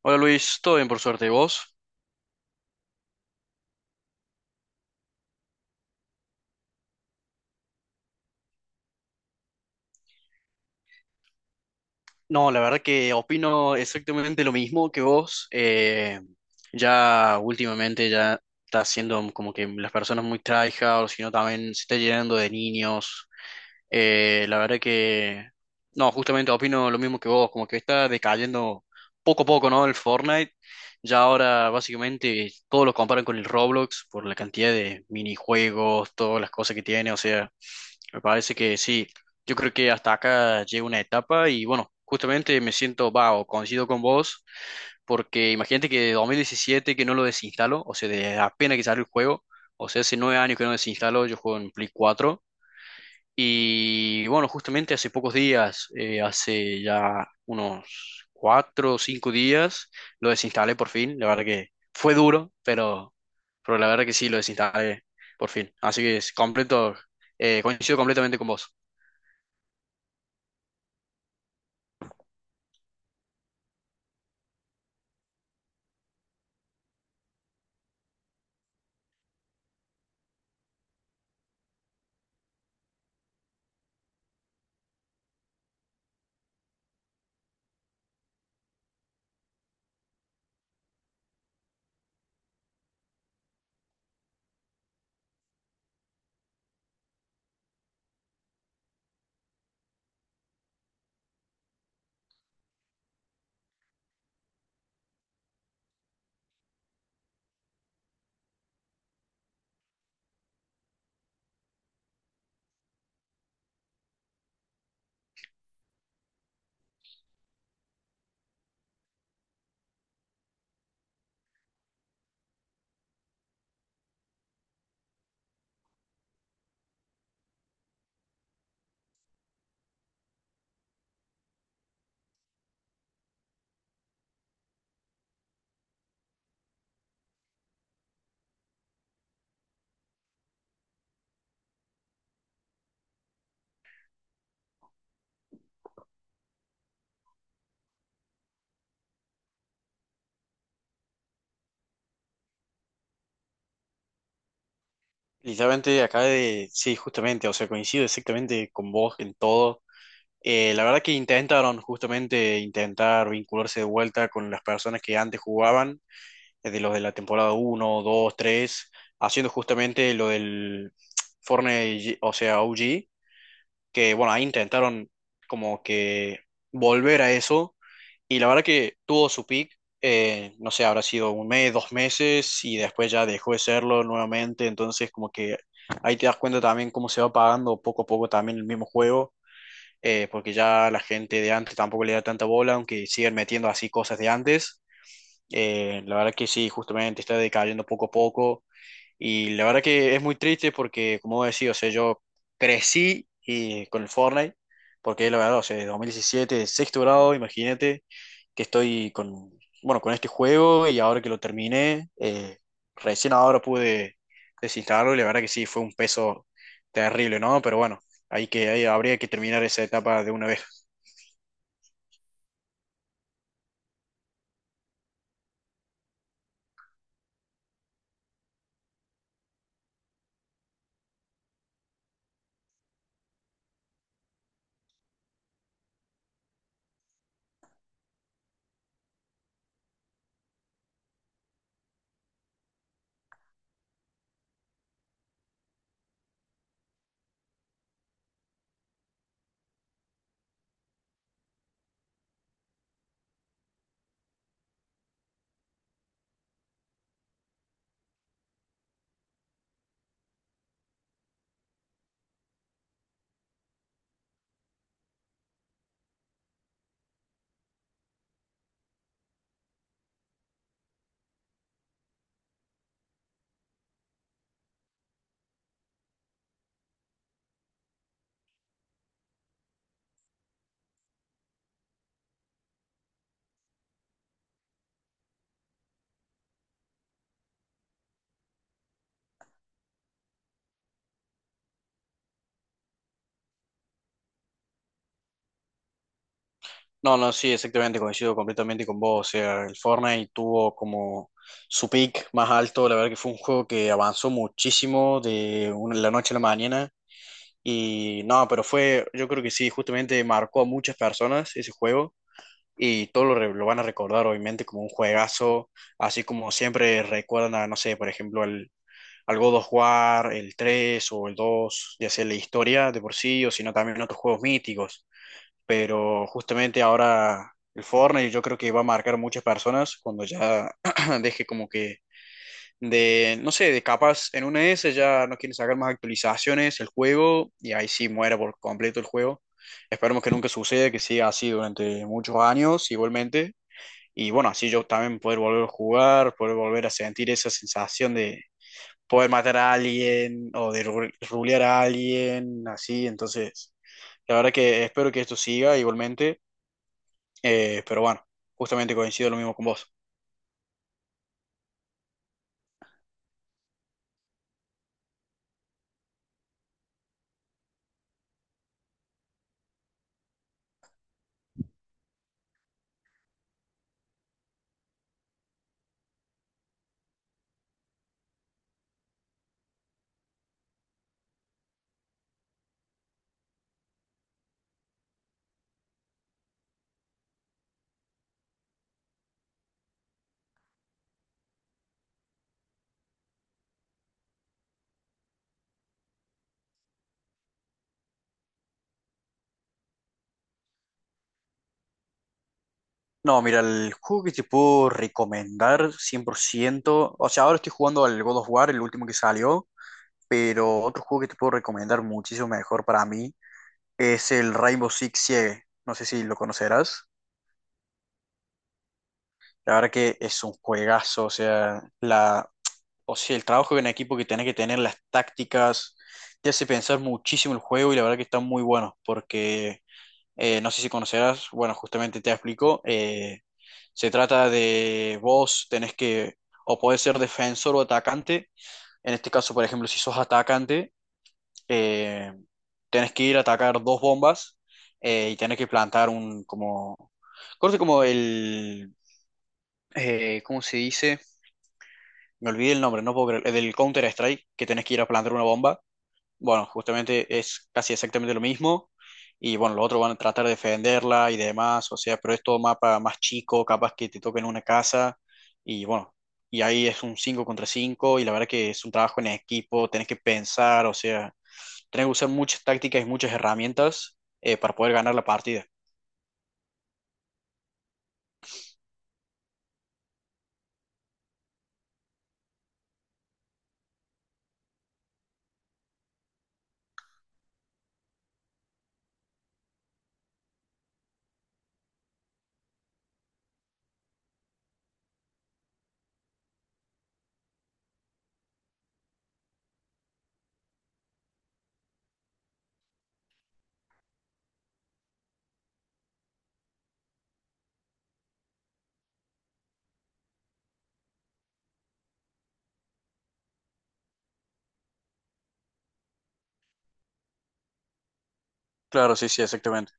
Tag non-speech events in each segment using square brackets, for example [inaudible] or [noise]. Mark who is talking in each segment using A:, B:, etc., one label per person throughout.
A: Hola Luis, todo bien por suerte. ¿Y vos? No, la verdad que opino exactamente lo mismo que vos. Ya últimamente ya está siendo como que las personas muy tryhard, sino también se está llenando de niños. La verdad que, no, justamente opino lo mismo que vos, como que está decayendo poco a poco, ¿no? El Fortnite. Ya ahora básicamente todos lo comparan con el Roblox por la cantidad de minijuegos, todas las cosas que tiene, o sea. Me parece que sí. Yo creo que hasta acá llega una etapa y bueno, justamente me siento, va, o coincido con vos, porque imagínate que de 2017 que no lo desinstalo, o sea, de apenas que salió el juego, o sea, hace 9 años que no desinstalo, yo juego en Play 4 y bueno, justamente hace pocos días, hace ya unos 4 o 5 días, lo desinstalé por fin, la verdad que fue duro, pero la verdad que sí, lo desinstalé por fin, así que es completo, coincido completamente con vos. Literalmente acá de, sí, justamente, o sea, coincido exactamente con vos en todo. La verdad que intentaron justamente intentar vincularse de vuelta con las personas que antes jugaban, desde los de la temporada uno 2 3 haciendo justamente lo del Fortnite, o sea, OG, que bueno, ahí intentaron como que volver a eso y la verdad que tuvo su peak, no sé, habrá sido un mes, 2 meses, y después ya dejó de serlo nuevamente. Entonces, como que ahí te das cuenta también cómo se va apagando poco a poco también el mismo juego, porque ya la gente de antes tampoco le da tanta bola, aunque siguen metiendo así cosas de antes. La verdad que sí, justamente está decayendo poco a poco. Y la verdad que es muy triste porque, como decía, o sea, yo crecí y, con el Fortnite, porque la verdad, o sea, de 2017 sexto grado, imagínate que estoy con, bueno, con este juego y ahora que lo terminé, recién ahora pude desinstalarlo y la verdad que sí, fue un peso terrible, ¿no? Pero bueno, hay que, ahí habría que terminar esa etapa de una vez. No, no, sí, exactamente, coincido completamente con vos. O sea, el Fortnite tuvo como su peak más alto. La verdad que fue un juego que avanzó muchísimo de la noche a la mañana. Y no, pero fue, yo creo que sí, justamente marcó a muchas personas ese juego. Y todos lo van a recordar, obviamente, como un juegazo. Así como siempre recuerdan a, no sé, por ejemplo, al God of War, el 3 o el 2 ya sea la historia de por sí, o sino también otros juegos míticos. Pero justamente ahora el Fortnite yo creo que va a marcar muchas personas cuando ya [clears throat] deje como que de, no sé, de capas en una S ya no quieren sacar más actualizaciones el juego y ahí sí muera por completo el juego. Esperemos que nunca suceda, que siga así durante muchos años igualmente. Y bueno, así yo también poder volver a jugar, poder volver a sentir esa sensación de poder matar a alguien o de rulear a alguien, así. Entonces, la verdad que espero que esto siga igualmente. Pero bueno, justamente coincido lo mismo con vos. No, mira, el juego que te puedo recomendar 100% o sea, ahora estoy jugando al God of War, el último que salió, pero otro juego que te puedo recomendar muchísimo mejor para mí es el Rainbow Six Siege. No sé si lo conocerás. La verdad que es un juegazo, o sea, o sea, el trabajo en equipo que tenés que tener, las tácticas, te hace pensar muchísimo el juego y la verdad que está muy bueno, porque no sé si conocerás, bueno, justamente te explico. Se trata de vos tenés que, o podés ser defensor o atacante. En este caso, por ejemplo, si sos atacante, eh, tenés que ir a atacar dos bombas, y tenés que plantar un, como, corte como el, ¿cómo se dice? Me olvidé el nombre, no puedo creer, el del Counter-Strike, que tenés que ir a plantar una bomba. Bueno, justamente es casi exactamente lo mismo. Y bueno, los otros van a tratar de defenderla y demás. O sea, pero es todo mapa más chico, capaz que te toquen una casa. Y bueno, y ahí es un 5 contra cinco. Y la verdad que es un trabajo en equipo, tenés que pensar, o sea, tenés que usar muchas tácticas y muchas herramientas, para poder ganar la partida. Claro, sí, sí, exactamente.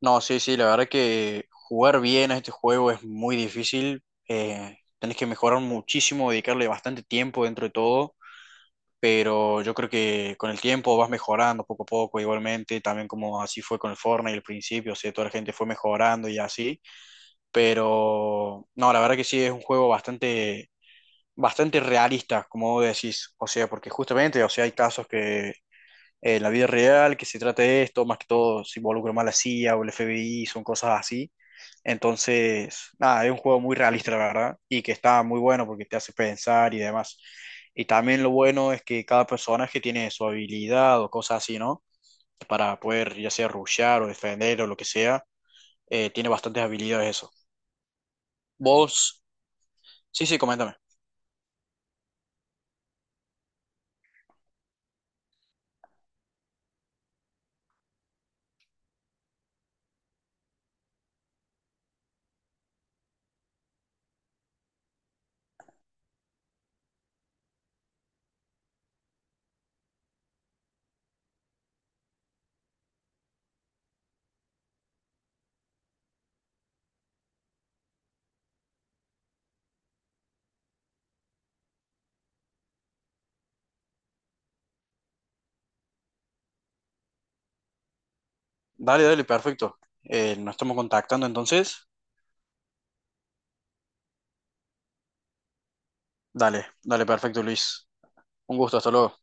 A: No, sí, sí, la verdad que jugar bien a este juego es muy difícil. Tenés que mejorar muchísimo, dedicarle bastante tiempo dentro de todo. Pero yo creo que con el tiempo vas mejorando poco a poco igualmente, también como así fue con el Fortnite al principio, o sea, toda la gente fue mejorando y así, pero no, la verdad que sí es un juego bastante, bastante realista, como vos decís, o sea, porque justamente, o sea, hay casos que la vida real, que se trate de esto, más que todo se involucra más la CIA o el FBI, son cosas así. Entonces, nada, es un juego muy realista, la verdad, y que está muy bueno porque te hace pensar y demás. Y también lo bueno es que cada personaje tiene su habilidad o cosas así, ¿no? Para poder ya sea rushear o defender o lo que sea, tiene bastantes habilidades eso. Vos, sí, sí, coméntame. Dale, dale, perfecto. Nos estamos contactando entonces. Dale, dale, perfecto, Luis. Un gusto, hasta luego.